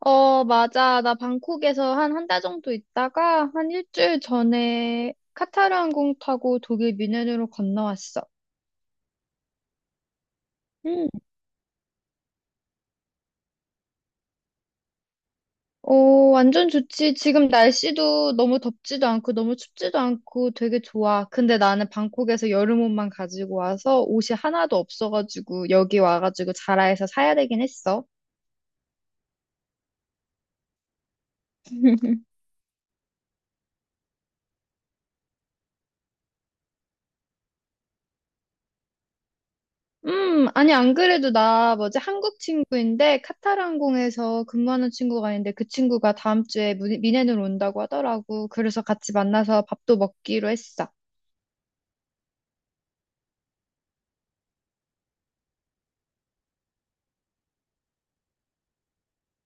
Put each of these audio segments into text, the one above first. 어, 맞아. 나 방콕에서 한 한달 정도 있다가 한 일주일 전에 카타르 항공 타고 독일 뮌헨으로 건너왔어. 음 어, 완전 좋지. 지금 날씨도 너무 덥지도 않고 너무 춥지도 않고 되게 좋아. 근데 나는 방콕에서 여름 옷만 가지고 와서 옷이 하나도 없어가지고 여기 와가지고 자라에서 사야 되긴 했어. 아니, 안 그래도 나 뭐지, 한국 친구인데 카타르항공에서 근무하는 친구가 있는데 그 친구가 다음 주에 무 미넨으로 온다고 하더라고. 그래서 같이 만나서 밥도 먹기로 했어.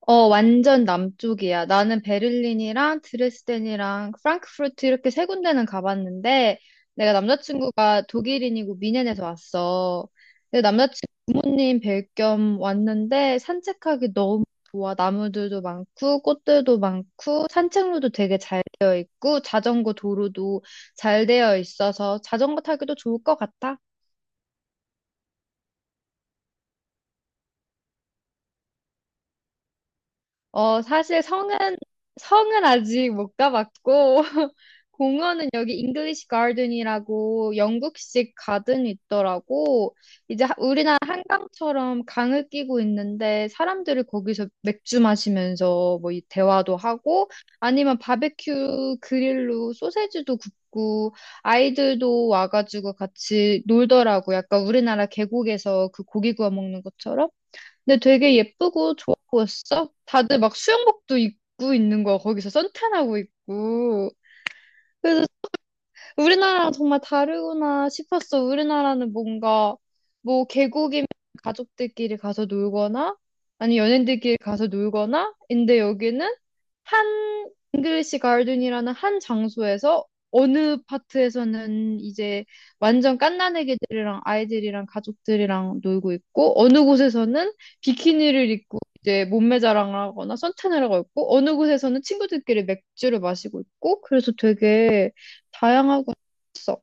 어, 완전 남쪽이야. 나는 베를린이랑 드레스덴이랑 프랑크푸르트 이렇게 세 군데는 가봤는데, 내가 남자친구가 독일인이고 미넨에서 왔어. 근데 남자친구 부모님 뵐 겸 왔는데, 산책하기 너무 좋아. 나무들도 많고, 꽃들도 많고, 산책로도 되게 잘 되어 있고, 자전거 도로도 잘 되어 있어서 자전거 타기도 좋을 것 같아. 어, 사실 성은 아직 못 가봤고. 공원은 여기 잉글리시 가든이라고 영국식 가든이 있더라고. 이제 우리나라 한강처럼 강을 끼고 있는데, 사람들이 거기서 맥주 마시면서 뭐이 대화도 하고, 아니면 바베큐 그릴로 소세지도 굽고, 아이들도 와가지고 같이 놀더라고. 약간 우리나라 계곡에서 그 고기 구워 먹는 것처럼. 근데 되게 예쁘고 좋아 보였어. 다들 막 수영복도 입고 있는 거야. 거기서 선탠하고 있고. 그래서 우리나라랑 정말 다르구나 싶었어. 우리나라는 뭔가, 뭐 계곡이면 가족들끼리 가서 놀거나 아니 연인들끼리 가서 놀거나 인데, 여기는 한 잉글리시 가든이라는 한 장소에서 어느 파트에서는 이제 완전 갓난아기들이랑 아이들이랑 가족들이랑 놀고 있고, 어느 곳에서는 비키니를 입고 이제 몸매 자랑을 하거나 선탠을 하고 있고, 어느 곳에서는 친구들끼리 맥주를 마시고 있고, 그래서 되게 다양하고 있어.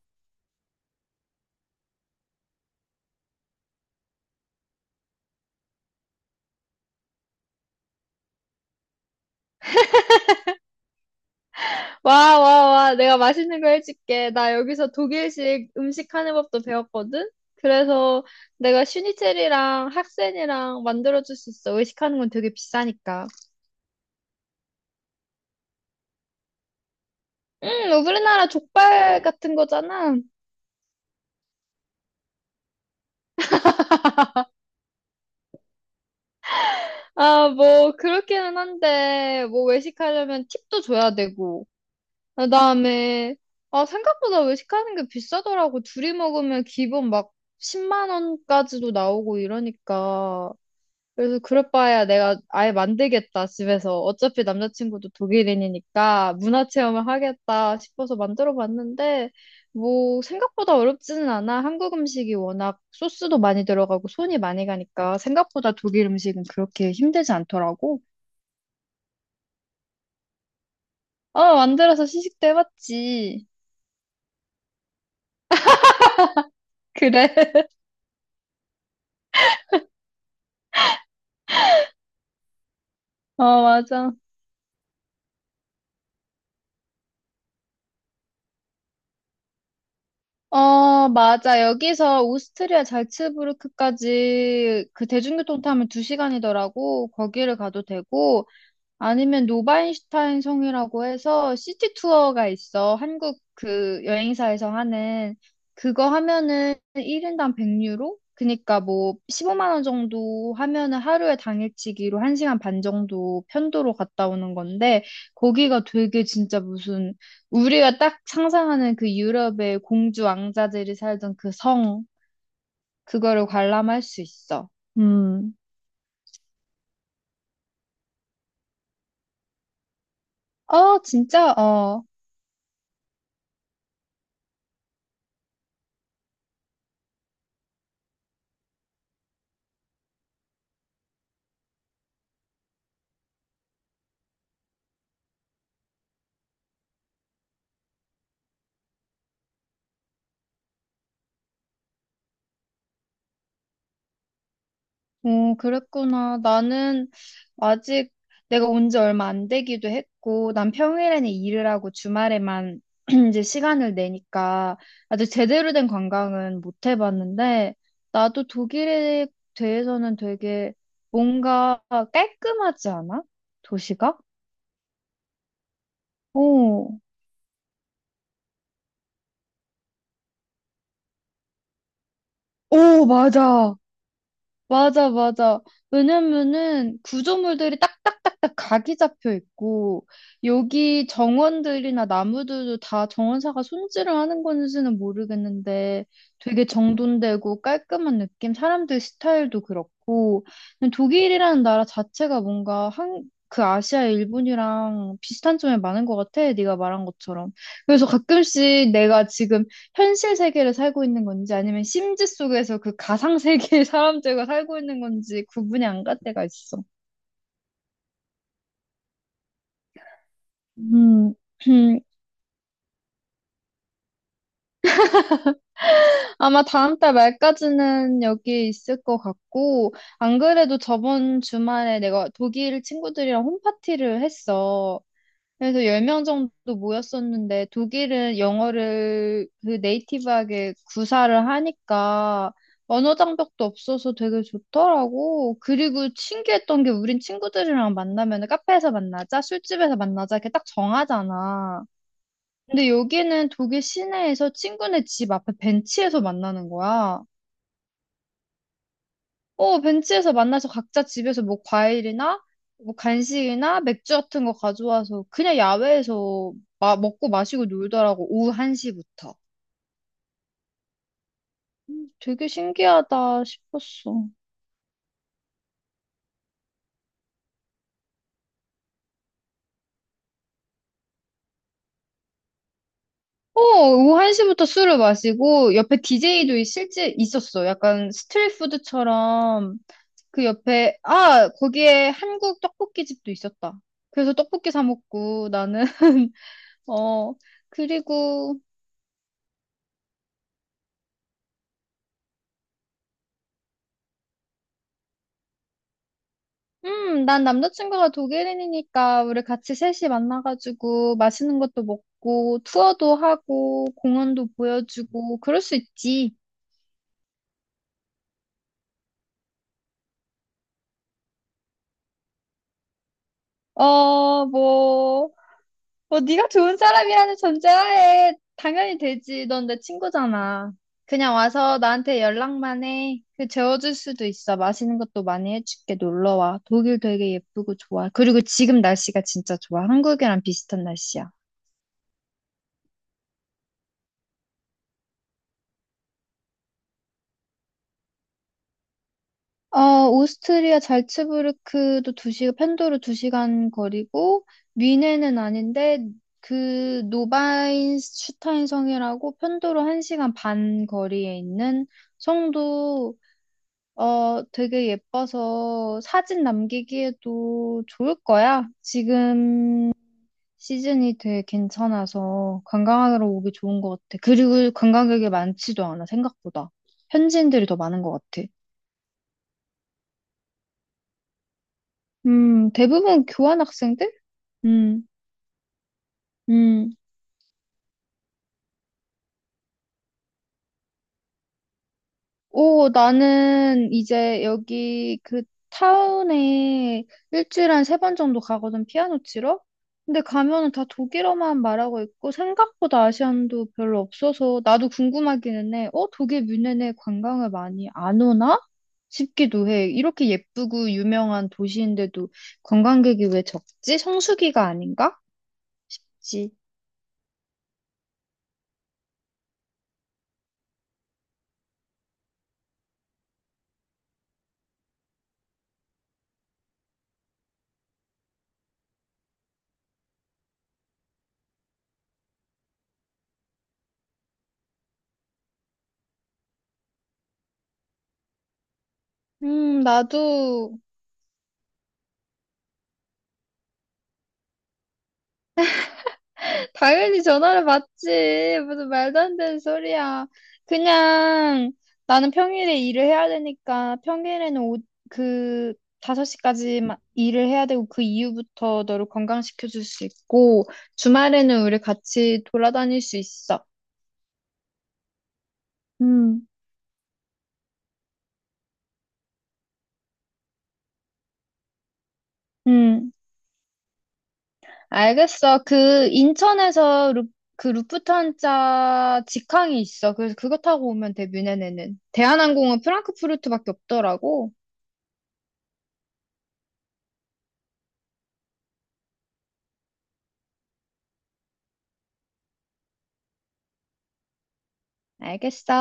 와, 와, 와. 내가 맛있는 거 해줄게. 나 여기서 독일식 음식 하는 법도 배웠거든? 그래서 내가 슈니첼이랑 학센이랑 만들어줄 수 있어. 외식하는 건 되게 비싸니까. 음, 우리나라 족발 같은 거잖아. 아, 뭐, 그렇기는 한데, 뭐, 외식하려면 팁도 줘야 되고. 그다음에, 생각보다 외식하는 게 비싸더라고. 둘이 먹으면 기본 막 10만 원까지도 나오고 이러니까. 그래서 그럴 바에야 내가 아예 만들겠다, 집에서. 어차피 남자친구도 독일인이니까 문화 체험을 하겠다 싶어서 만들어 봤는데, 뭐, 생각보다 어렵지는 않아. 한국 음식이 워낙 소스도 많이 들어가고 손이 많이 가니까 생각보다 독일 음식은 그렇게 힘들지 않더라고. 어, 만들어서 시식도 해봤지. 그래. 어, 맞아. 어, 맞아. 여기서 오스트리아 잘츠부르크까지 그 대중교통 타면 2시간이더라고. 거기를 가도 되고, 아니면 노바인슈타인 성이라고 해서 시티 투어가 있어. 한국 그 여행사에서 하는 그거 하면은 1인당 100유로? 그니까 뭐 15만 원 정도 하면은 하루에 당일치기로 1시간 반 정도 편도로 갔다 오는 건데, 거기가 되게 진짜 무슨 우리가 딱 상상하는 그 유럽의 공주 왕자들이 살던 그 성, 그거를 관람할 수 있어. 음. 어, 진짜? 어. 그랬구나. 나는 아직, 내가 온지 얼마 안 되기도 했고, 난 평일에는 일을 하고 주말에만 이제 시간을 내니까 아직 제대로 된 관광은 못 해봤는데, 나도 독일에 대해서는 되게 뭔가 깔끔하지 않아? 도시가? 오, 오, 맞아. 맞아, 맞아. 왜냐면은 구조물들이 각이 잡혀 있고, 여기 정원들이나 나무들도 다 정원사가 손질을 하는 건지는 모르겠는데 되게 정돈되고 깔끔한 느낌, 사람들 스타일도 그렇고. 그냥 독일이라는 나라 자체가 뭔가 한, 그 아시아 일본이랑 비슷한 점이 많은 것 같아. 네가 말한 것처럼. 그래서 가끔씩 내가 지금 현실 세계를 살고 있는 건지 아니면 심지 속에서 그 가상 세계의 사람들과 살고 있는 건지 구분이 안 갈 때가 있어. 음. 아마 다음 달 말까지는 여기에 있을 것 같고, 안 그래도 저번 주말에 내가 독일 친구들이랑 홈파티를 했어. 그래서 10명 정도 모였었는데, 독일은 영어를 그 네이티브하게 구사를 하니까 언어 장벽도 없어서 되게 좋더라고. 그리고 신기했던 게, 우린 친구들이랑 만나면 카페에서 만나자, 술집에서 만나자 이렇게 딱 정하잖아. 근데 여기는 독일 시내에서 친구네 집 앞에 벤치에서 만나는 거야. 어, 벤치에서 만나서 각자 집에서 뭐 과일이나 뭐 간식이나 맥주 같은 거 가져와서 그냥 야외에서 먹고 마시고 놀더라고. 오후 1시부터. 되게 신기하다 싶었어. 어, 오후 1시부터 술을 마시고 옆에 디제이도 실제 있었어. 약간 스트리트푸드처럼 그 옆에, 아, 거기에 한국 떡볶이 집도 있었다. 그래서 떡볶이 사 먹고 나는. 어, 그리고 난 남자친구가 독일인이니까 우리 같이 셋이 만나가지고 맛있는 것도 먹고 투어도 하고 공원도 보여주고 그럴 수 있지. 뭐, 네가 좋은 사람이라는 전제하에 당연히 되지. 넌 내 친구잖아. 그냥 와서 나한테 연락만 해. 그 재워줄 수도 있어. 맛있는 것도 많이 해줄게. 놀러 와. 독일 되게 예쁘고 좋아. 그리고 지금 날씨가 진짜 좋아. 한국이랑 비슷한 날씨야. 아, 오스트리아 잘츠부르크도 2시간 편도로 2시간 거리고, 뮌헨은 아닌데, 그 노바인슈타인 성이라고 편도로 1시간 반 거리에 있는 성도, 되게 예뻐서 사진 남기기에도 좋을 거야. 지금 시즌이 되게 괜찮아서 관광하러 오기 좋은 것 같아. 그리고 관광객이 많지도 않아, 생각보다. 현지인들이 더 많은 것 같아. 대부분 교환학생들? 음, 음. 나는 이제 여기 그 타운에 일주일에 한 3번 정도 가거든, 피아노 치러? 근데 가면은 다 독일어만 말하고 있고, 생각보다 아시안도 별로 없어서, 나도 궁금하기는 해. 독일 뮌헨에 관광을 많이 안 오나? 싶기도 해. 이렇게 예쁘고 유명한 도시인데도 관광객이 왜 적지? 성수기가 아닌가? 그치. 나도 당연히 전화를 받지. 무슨 말도 안 되는 소리야. 그냥 나는 평일에 일을 해야 되니까 평일에는 그 5시까지 일을 해야 되고 그 이후부터 너를 건강시켜 줄 수 있고 주말에는 우리 같이 돌아다닐 수 있어. 음, 음. 알겠어. 그 인천에서 그 루프트한자 직항이 있어. 그래서 그거 타고 오면 돼, 뮌헨에는. 대한항공은 프랑크푸르트밖에 없더라고. 알겠어.